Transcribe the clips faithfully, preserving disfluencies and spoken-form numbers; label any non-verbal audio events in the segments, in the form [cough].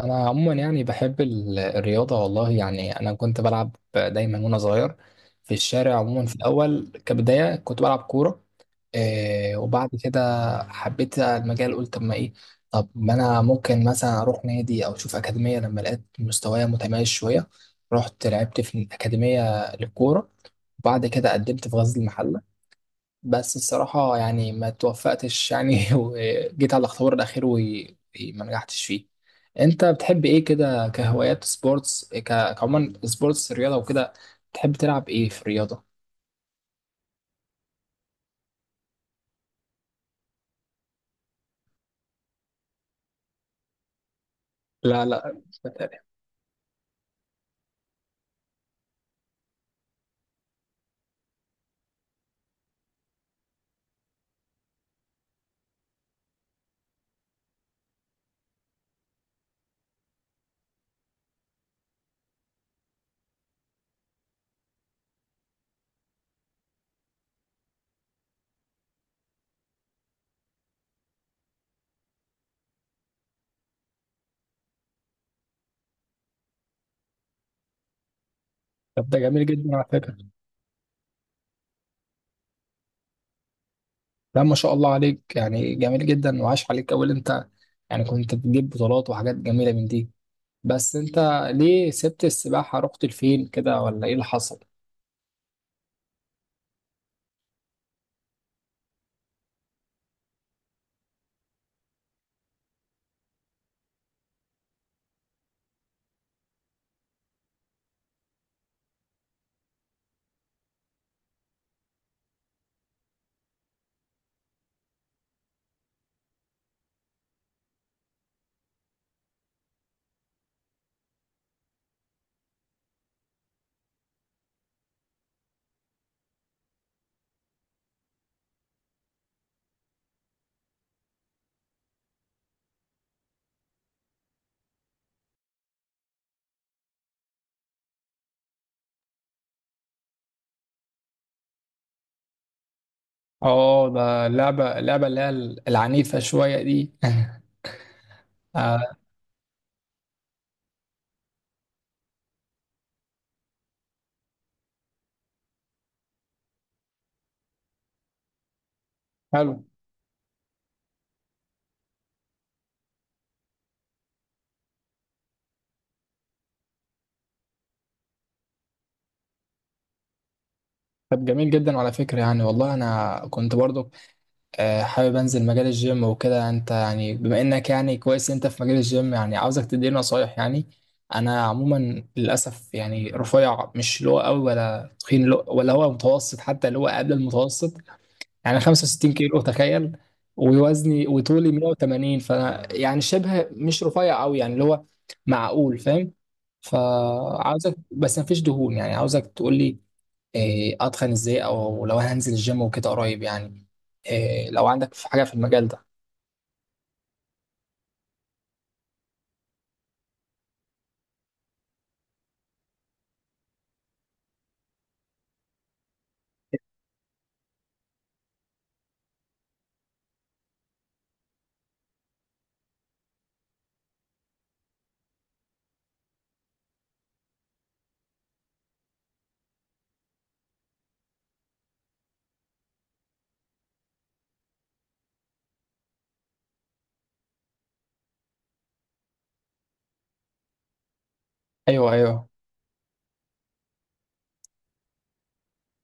انا عموما يعني بحب ال- الرياضه، والله يعني انا كنت بلعب دايما وانا صغير في الشارع. عموما في الاول كبدايه كنت بلعب كوره. آه وبعد كده حبيت المجال، قلت طب ما ايه. طب ما انا ممكن مثلا اروح نادي او اشوف اكاديميه، لما لقيت مستوايا متميز شويه رحت لعبت في الاكاديميه للكوره. وبعد كده قدمت في غزل المحله، بس الصراحة يعني ما توفقتش يعني [laughs] وجيت على الاختبار الأخير وما نجحتش فيه. أنت بتحب إيه كده كهوايات سبورتس، ك- كعموما سبورتس رياضة وكده، بتحب تلعب إيه في الرياضة؟ لا لا، مش بتهيألي. طب ده جميل جدا على فكرة. لا ما شاء الله عليك، يعني جميل جدا وعاش عليك أوي اللي أنت يعني كنت بتجيب بطولات وحاجات جميلة من دي. بس أنت ليه سبت السباحة رحت لفين كده ولا إيه اللي حصل؟ اه، ده اللعبة اللعبة اللي هي العنيفة شوية دي [laughs] آه. حلو. طب جميل جدا على فكرة، يعني والله أنا كنت برضو آه، حابب أنزل مجال الجيم وكده. أنت يعني بما إنك يعني كويس أنت في مجال الجيم، يعني عاوزك تديني نصايح يعني. أنا عموما للأسف يعني رفيع، مش اللي هو قوي ولا تخين اللي هو- ولا هو متوسط، حتى اللي هو قبل المتوسط، يعني خمسة وستين كيلو تخيل. ووزني وطولي مية وتمانين، فأنا يعني شبه مش رفيع قوي، يعني اللي هو معقول، فاهم. فعاوزك بس مفيش دهون، يعني عاوزك تقول لي إيه، اتخن ازاي، او لو انا هنزل الجيم وكده قريب، يعني إيه، لو عندك في حاجه في المجال ده. ايوه ايوه،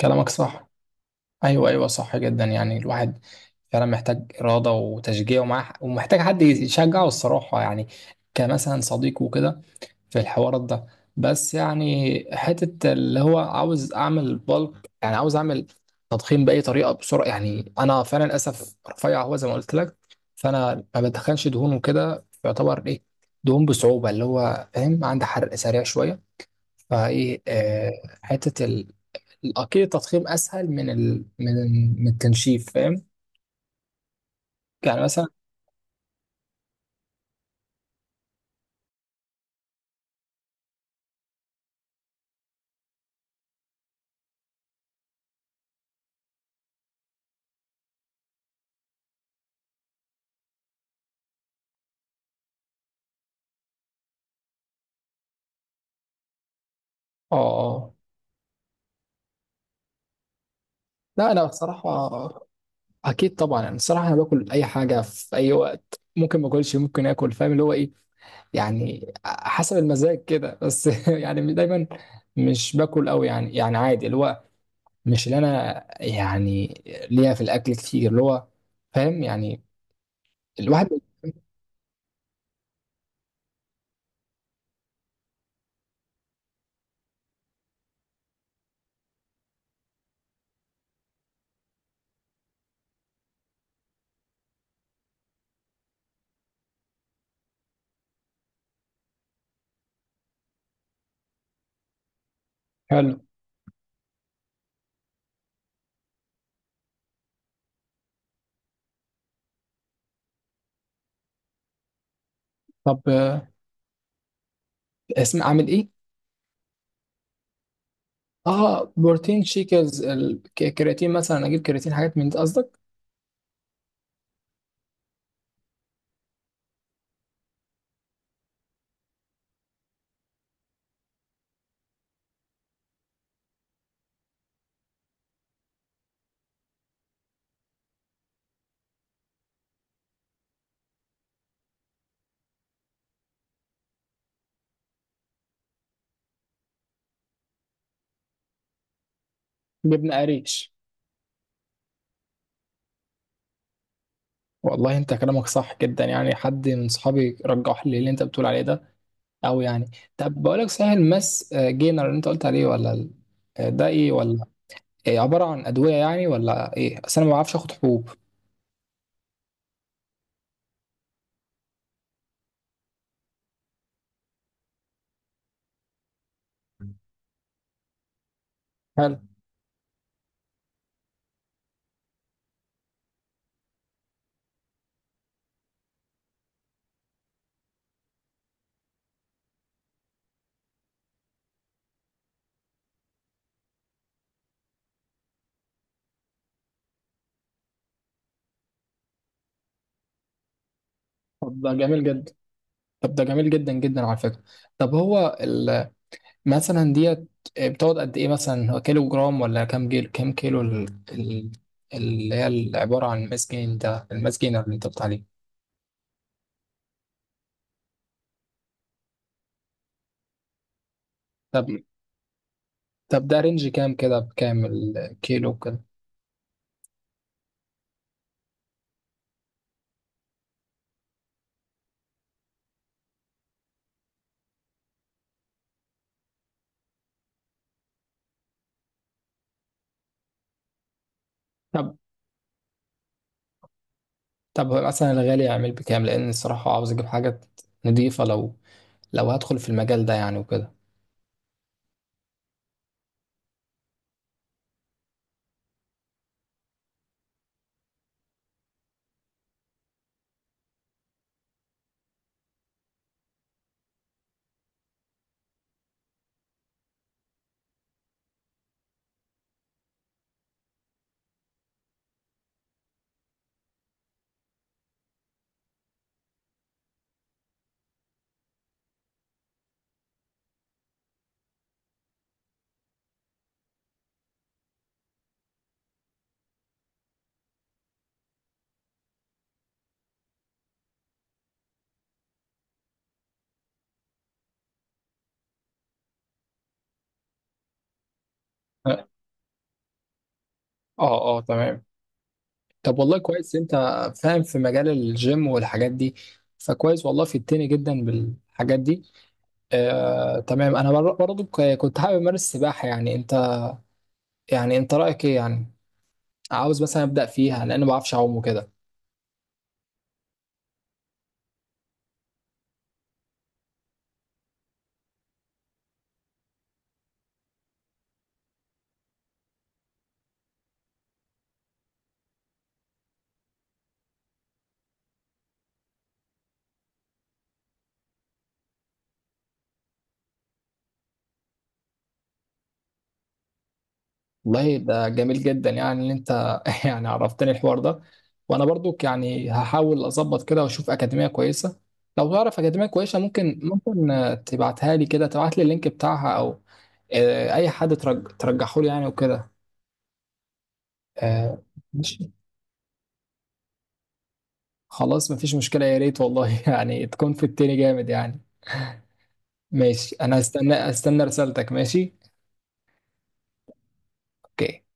كلامك صح. ايوه ايوه، صح جدا، يعني الواحد فعلا محتاج اراده وتشجيع ومعاه، ومحتاج حد يشجعه الصراحه، يعني كمثلا صديقه وكده، في الحوارات ده. بس يعني حتة اللي هو عاوز أعمل بالك، يعني عاوز أعمل تضخيم بأي طريقة بسرعة، يعني أنا فعلا للأسف رفيع هو زي ما قلت لك. فأنا ما بدخلش دهون وكده، يعتبر إيه دهون بصعوبة اللي هو فاهم، عندي حرق سريع شوية. فإيه آه حتة ال... أكيد التضخيم أسهل من ال... من من التنشيف فاهم، يعني مثلا آه. آه. لا أنا بصراحة اكيد طبعا، انا الصراحه انا باكل اي حاجه في اي وقت، ممكن ما اكلش ممكن اكل فاهم اللي هو ايه، يعني حسب المزاج كده بس [laughs] يعني دايما مش باكل قوي يعني يعني عادي اللي هو مش اللي انا يعني ليا في الاكل كتير، اللي هو فاهم يعني، الواحد. حلو. طب آه، اسم اعمل ايه. اه بروتين شيكرز، الكرياتين مثلا اجيب كرياتين، حاجات من دي قصدك؟ جبنه قريش. والله انت كلامك صح جدا، يعني حد من صحابي رجح لي اللي انت بتقول عليه ده، او يعني طب بقول لك، صحيح الماس آه، جينر اللي انت قلت عليه، ولا ال- آه، ده ايه ولا إيه، عباره عن ادويه يعني ولا ايه؟ اصل انا ما بعرفش اخد حبوب. حلو. طب ده جميل جدا. طب ده جميل جدا جدا على فكره. طب هو ال- مثلا ديت آه، بتقعد قد ايه، مثلا هو كيلو جرام ولا كام كيلو كام كيلو ال- ال- اللي هي ال- عباره عن الماس جين ده، الماس جينر اللي انت قلت عليه. طب طب ده رينج كام كده، بكام الكيلو كده. طب طب هو مثلا الغالي يعمل بكام، لان الصراحه عاوز اجيب حاجه نضيفه، لو لو هدخل في المجال ده يعني وكده. اه اه، تمام. طب والله كويس انت فاهم في مجال الجيم والحاجات دي، فكويس والله في التاني جدا بالحاجات دي. آه تمام. انا بر- برضو ك- كنت حابب امارس السباحه يعني، انت يعني انت رايك ايه يعني، عاوز مثلا ابدا فيها لان ما بعرفش اعوم وكده. والله ده جميل جدا يعني ان انت [laughs] يعني عرفتني الحوار ده، وانا برضك يعني هحاول اظبط كده واشوف اكاديميه كويسه. لو تعرف اكاديميه كويسه، ممكن ممكن آه، تبعتها لي كده، تبعت لي اللينك بتاعها، او آه، اي حد ترج- ترجحه لي يعني وكده آه، ماشي. خلاص مفيش مشكله، يا ريت والله [laughs] يعني تكون في التاني جامد يعني. ماشي، انا هستنى استنى رسالتك، ماشي. اوكي.